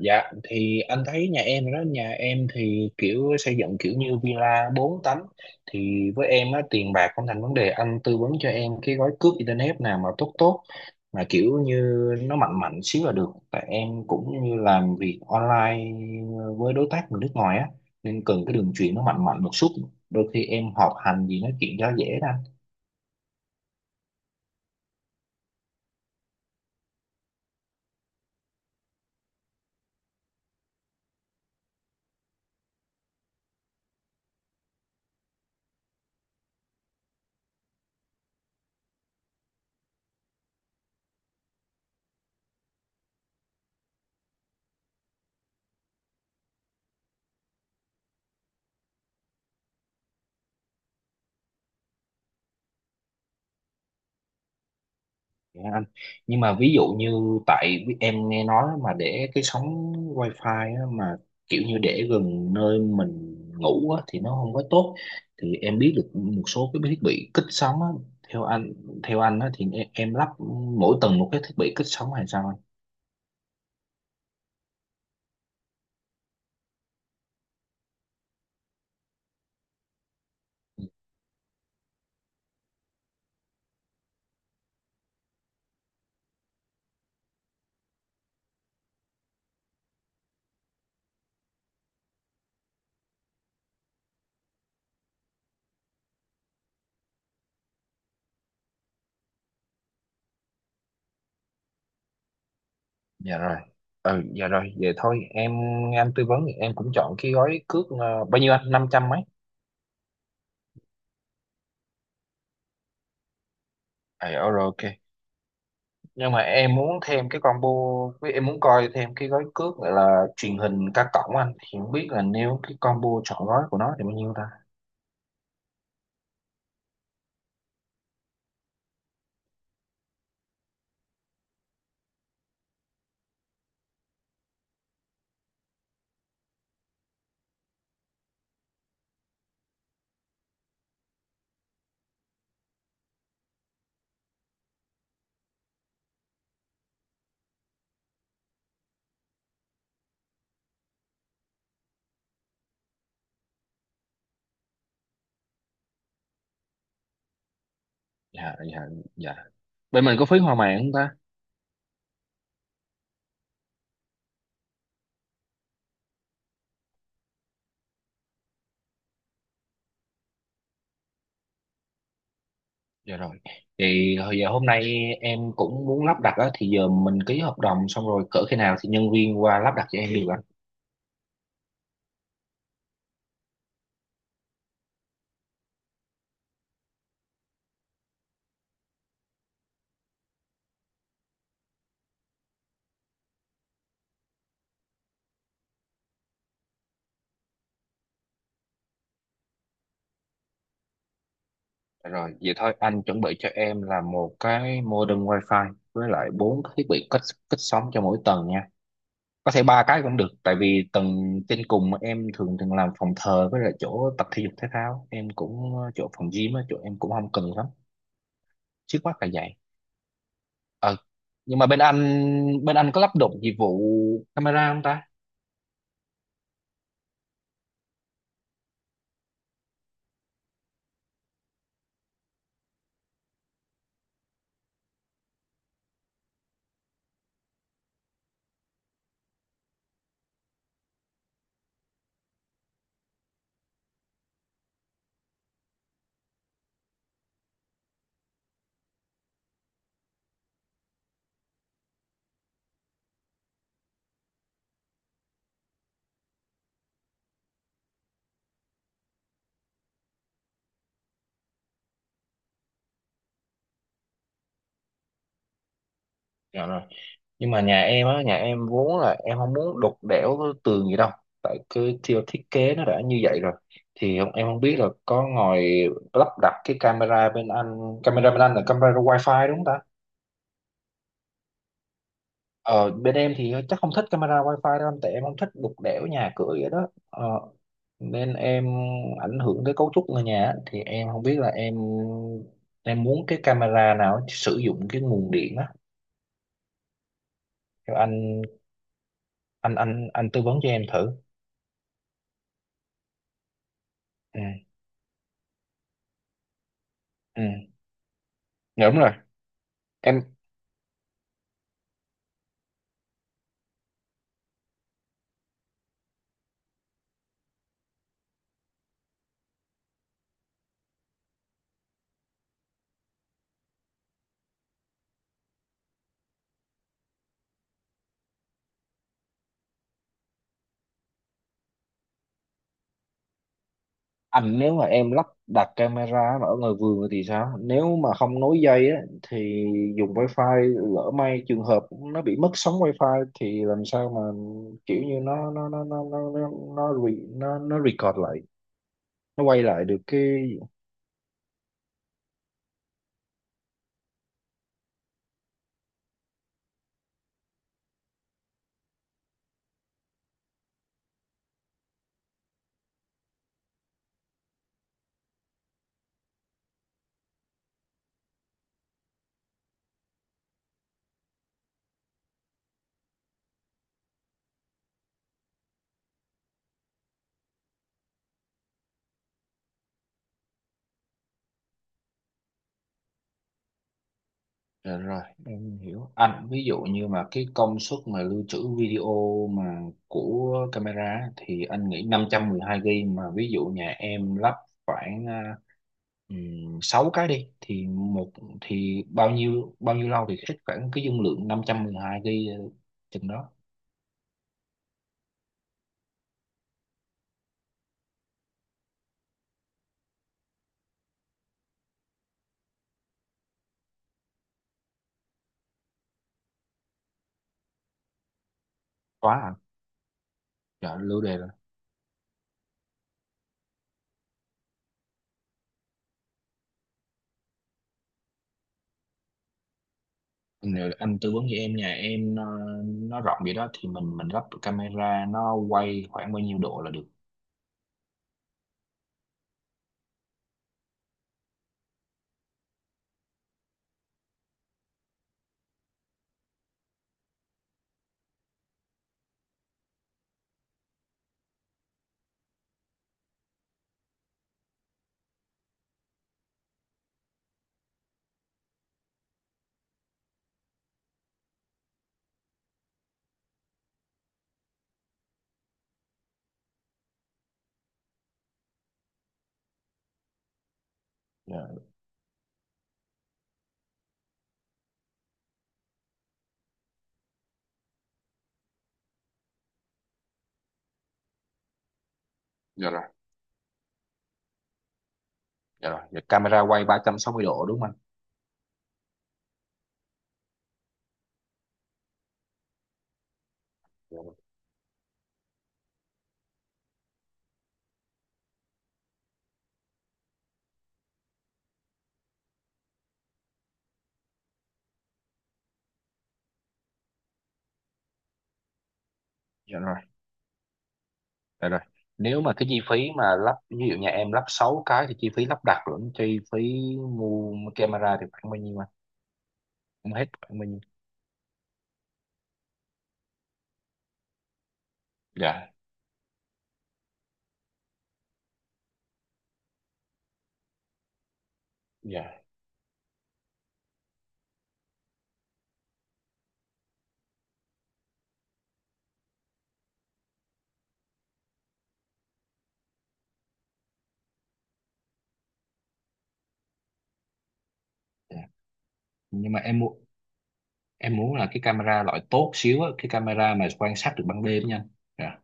Dạ, thì anh thấy nhà em thì kiểu xây dựng kiểu như villa 4 tấm. Thì với em á, tiền bạc không thành vấn đề, anh tư vấn cho em cái gói cước internet nào mà tốt tốt, mà kiểu như nó mạnh mạnh xíu là được, tại em cũng như làm việc online với đối tác người nước ngoài á, nên cần cái đường truyền nó mạnh mạnh một chút, đôi khi em họp hành gì nói chuyện cho dễ đó. Dạ anh. Nhưng mà ví dụ như tại vì em nghe nói mà để cái sóng wifi á, mà kiểu như để gần nơi mình ngủ á, thì nó không có tốt, thì em biết được một số cái thiết bị kích sóng á, theo anh theo anh á, thì em lắp mỗi tầng một cái thiết bị kích sóng hay sao anh? Dạ rồi. Ừ, dạ rồi, vậy thôi em nghe anh tư vấn thì em cũng chọn cái gói cước bao nhiêu anh? 500 mấy? À, rồi ok. Nhưng mà em muốn thêm cái combo, với em muốn coi thêm cái gói cước gọi là truyền hình cá cổng anh, thì không biết là nếu cái combo chọn gói của nó thì bao nhiêu ta? Dạ, dạ, dạ, bên mình có phí hòa mạng không ta? Dạ rồi, thì hồi giờ hôm nay em cũng muốn lắp đặt á, thì giờ mình ký hợp đồng xong rồi, cỡ khi nào thì nhân viên qua lắp đặt cho em được anh? Dạ rồi, vậy thôi anh chuẩn bị cho em là một cái modem wifi với lại bốn cái thiết bị kết kết sóng cho mỗi tầng nha. Có thể ba cái cũng được, tại vì tầng trên cùng mà em thường thường làm phòng thờ với lại chỗ tập thể dục thể thao, em cũng chỗ phòng gym á, chỗ em cũng không cần lắm. Trước mắt là vậy. ờ nhưng mà bên anh có lắp đặt dịch vụ camera không ta? Dạ rồi, nhưng mà nhà em á, nhà em vốn là em không muốn đục đẽo cái tường gì đâu, tại cái theo thiết kế nó đã như vậy rồi, thì em không biết là có ngồi lắp đặt cái camera bên anh là camera wifi đúng không ta? Ờ, bên em thì chắc không thích camera wifi đâu anh, tại em không thích đục đẽo nhà cửa vậy đó, nên em ảnh hưởng tới cấu trúc người nhà á. Thì em không biết là em muốn cái camera nào sử dụng cái nguồn điện á cho anh, anh tư vấn cho em thử. Ừ, ừ. Dạ, đúng rồi em. Anh, nếu mà em lắp đặt camera mà ở ngoài vườn thì sao? Nếu mà không nối dây á thì dùng wifi, lỡ may trường hợp nó bị mất sóng wifi thì làm sao mà kiểu như nó record lại, nó quay lại được cái... Dạ rồi, em hiểu. Anh ví dụ như mà cái công suất mà lưu trữ video mà của camera á, thì anh nghĩ 512GB mà ví dụ nhà em lắp khoảng 6 cái đi, thì một thì bao nhiêu lâu thì hết khoảng cái dung lượng 512GB chừng đó, quá à. Dạ, lưu đề là... Nếu anh tư vấn cho em, nhà em nó rộng vậy đó thì mình lắp camera nó quay khoảng bao nhiêu độ là được. Dạ. Dạ rồi. Dạ rồi, dạ, camera quay 360 độ đúng không anh? Dạ rồi. Dạ rồi, dạ rồi. Nếu mà cái chi phí mà lắp, ví dụ nhà em lắp 6 cái thì chi phí lắp đặt lẫn chi phí mua camera thì khoảng bao nhiêu anh? Không, hết khoảng bao nhiêu? Dạ, dạ, dạ. Nhưng mà em muốn là cái camera loại tốt xíu á, cái camera mà quan sát được ban đêm nha anh. Dạ.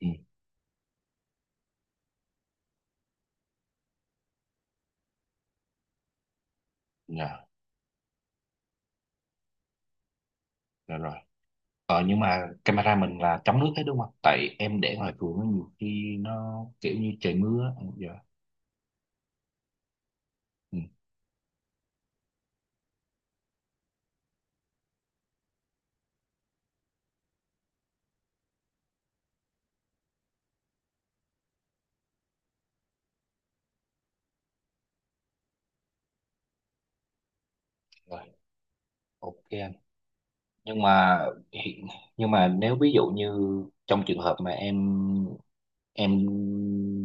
Ừ, dạ, dạ rồi. Ờ nhưng mà camera mình là chống nước hết đúng không? Tại em để ngoài cửa nhiều khi nó kiểu như trời mưa á. Dạ. Ừ, rồi. Ok, nhưng mà hiện- nhưng mà nếu ví dụ như trong trường hợp mà em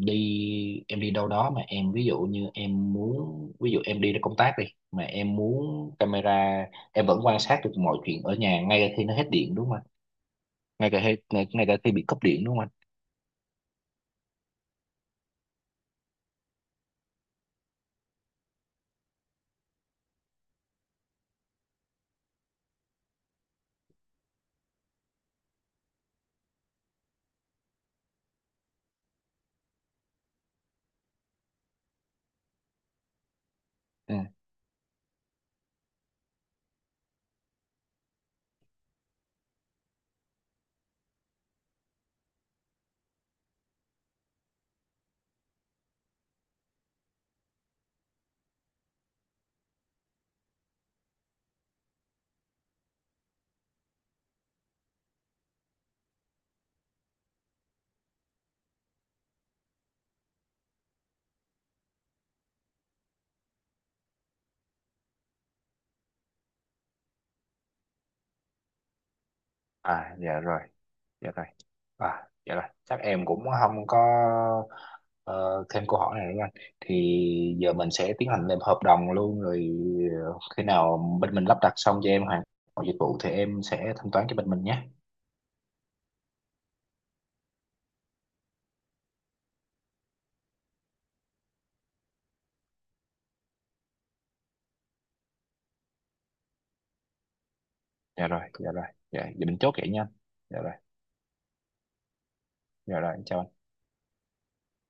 em đi đâu đó, mà em ví dụ như em muốn, ví dụ em đi ra công tác đi, mà em muốn camera em vẫn quan sát được mọi chuyện ở nhà ngay cả khi nó hết điện đúng không anh, ngay cả khi bị cúp điện đúng không anh? Ừ. À, dạ rồi. Dạ rồi à, dạ rồi, chắc em cũng không có ờ, thêm câu hỏi này nữa anh. Thì giờ mình sẽ tiến hành làm hợp đồng luôn rồi, khi nào bên mình lắp đặt xong cho em hoàn mọi dịch vụ thì em sẽ thanh toán cho bên mình nhé. Dạ rồi, dạ rồi. Dạ giờ mình chốt vậy nha. Dạ rồi. Dạ rồi, em chào anh.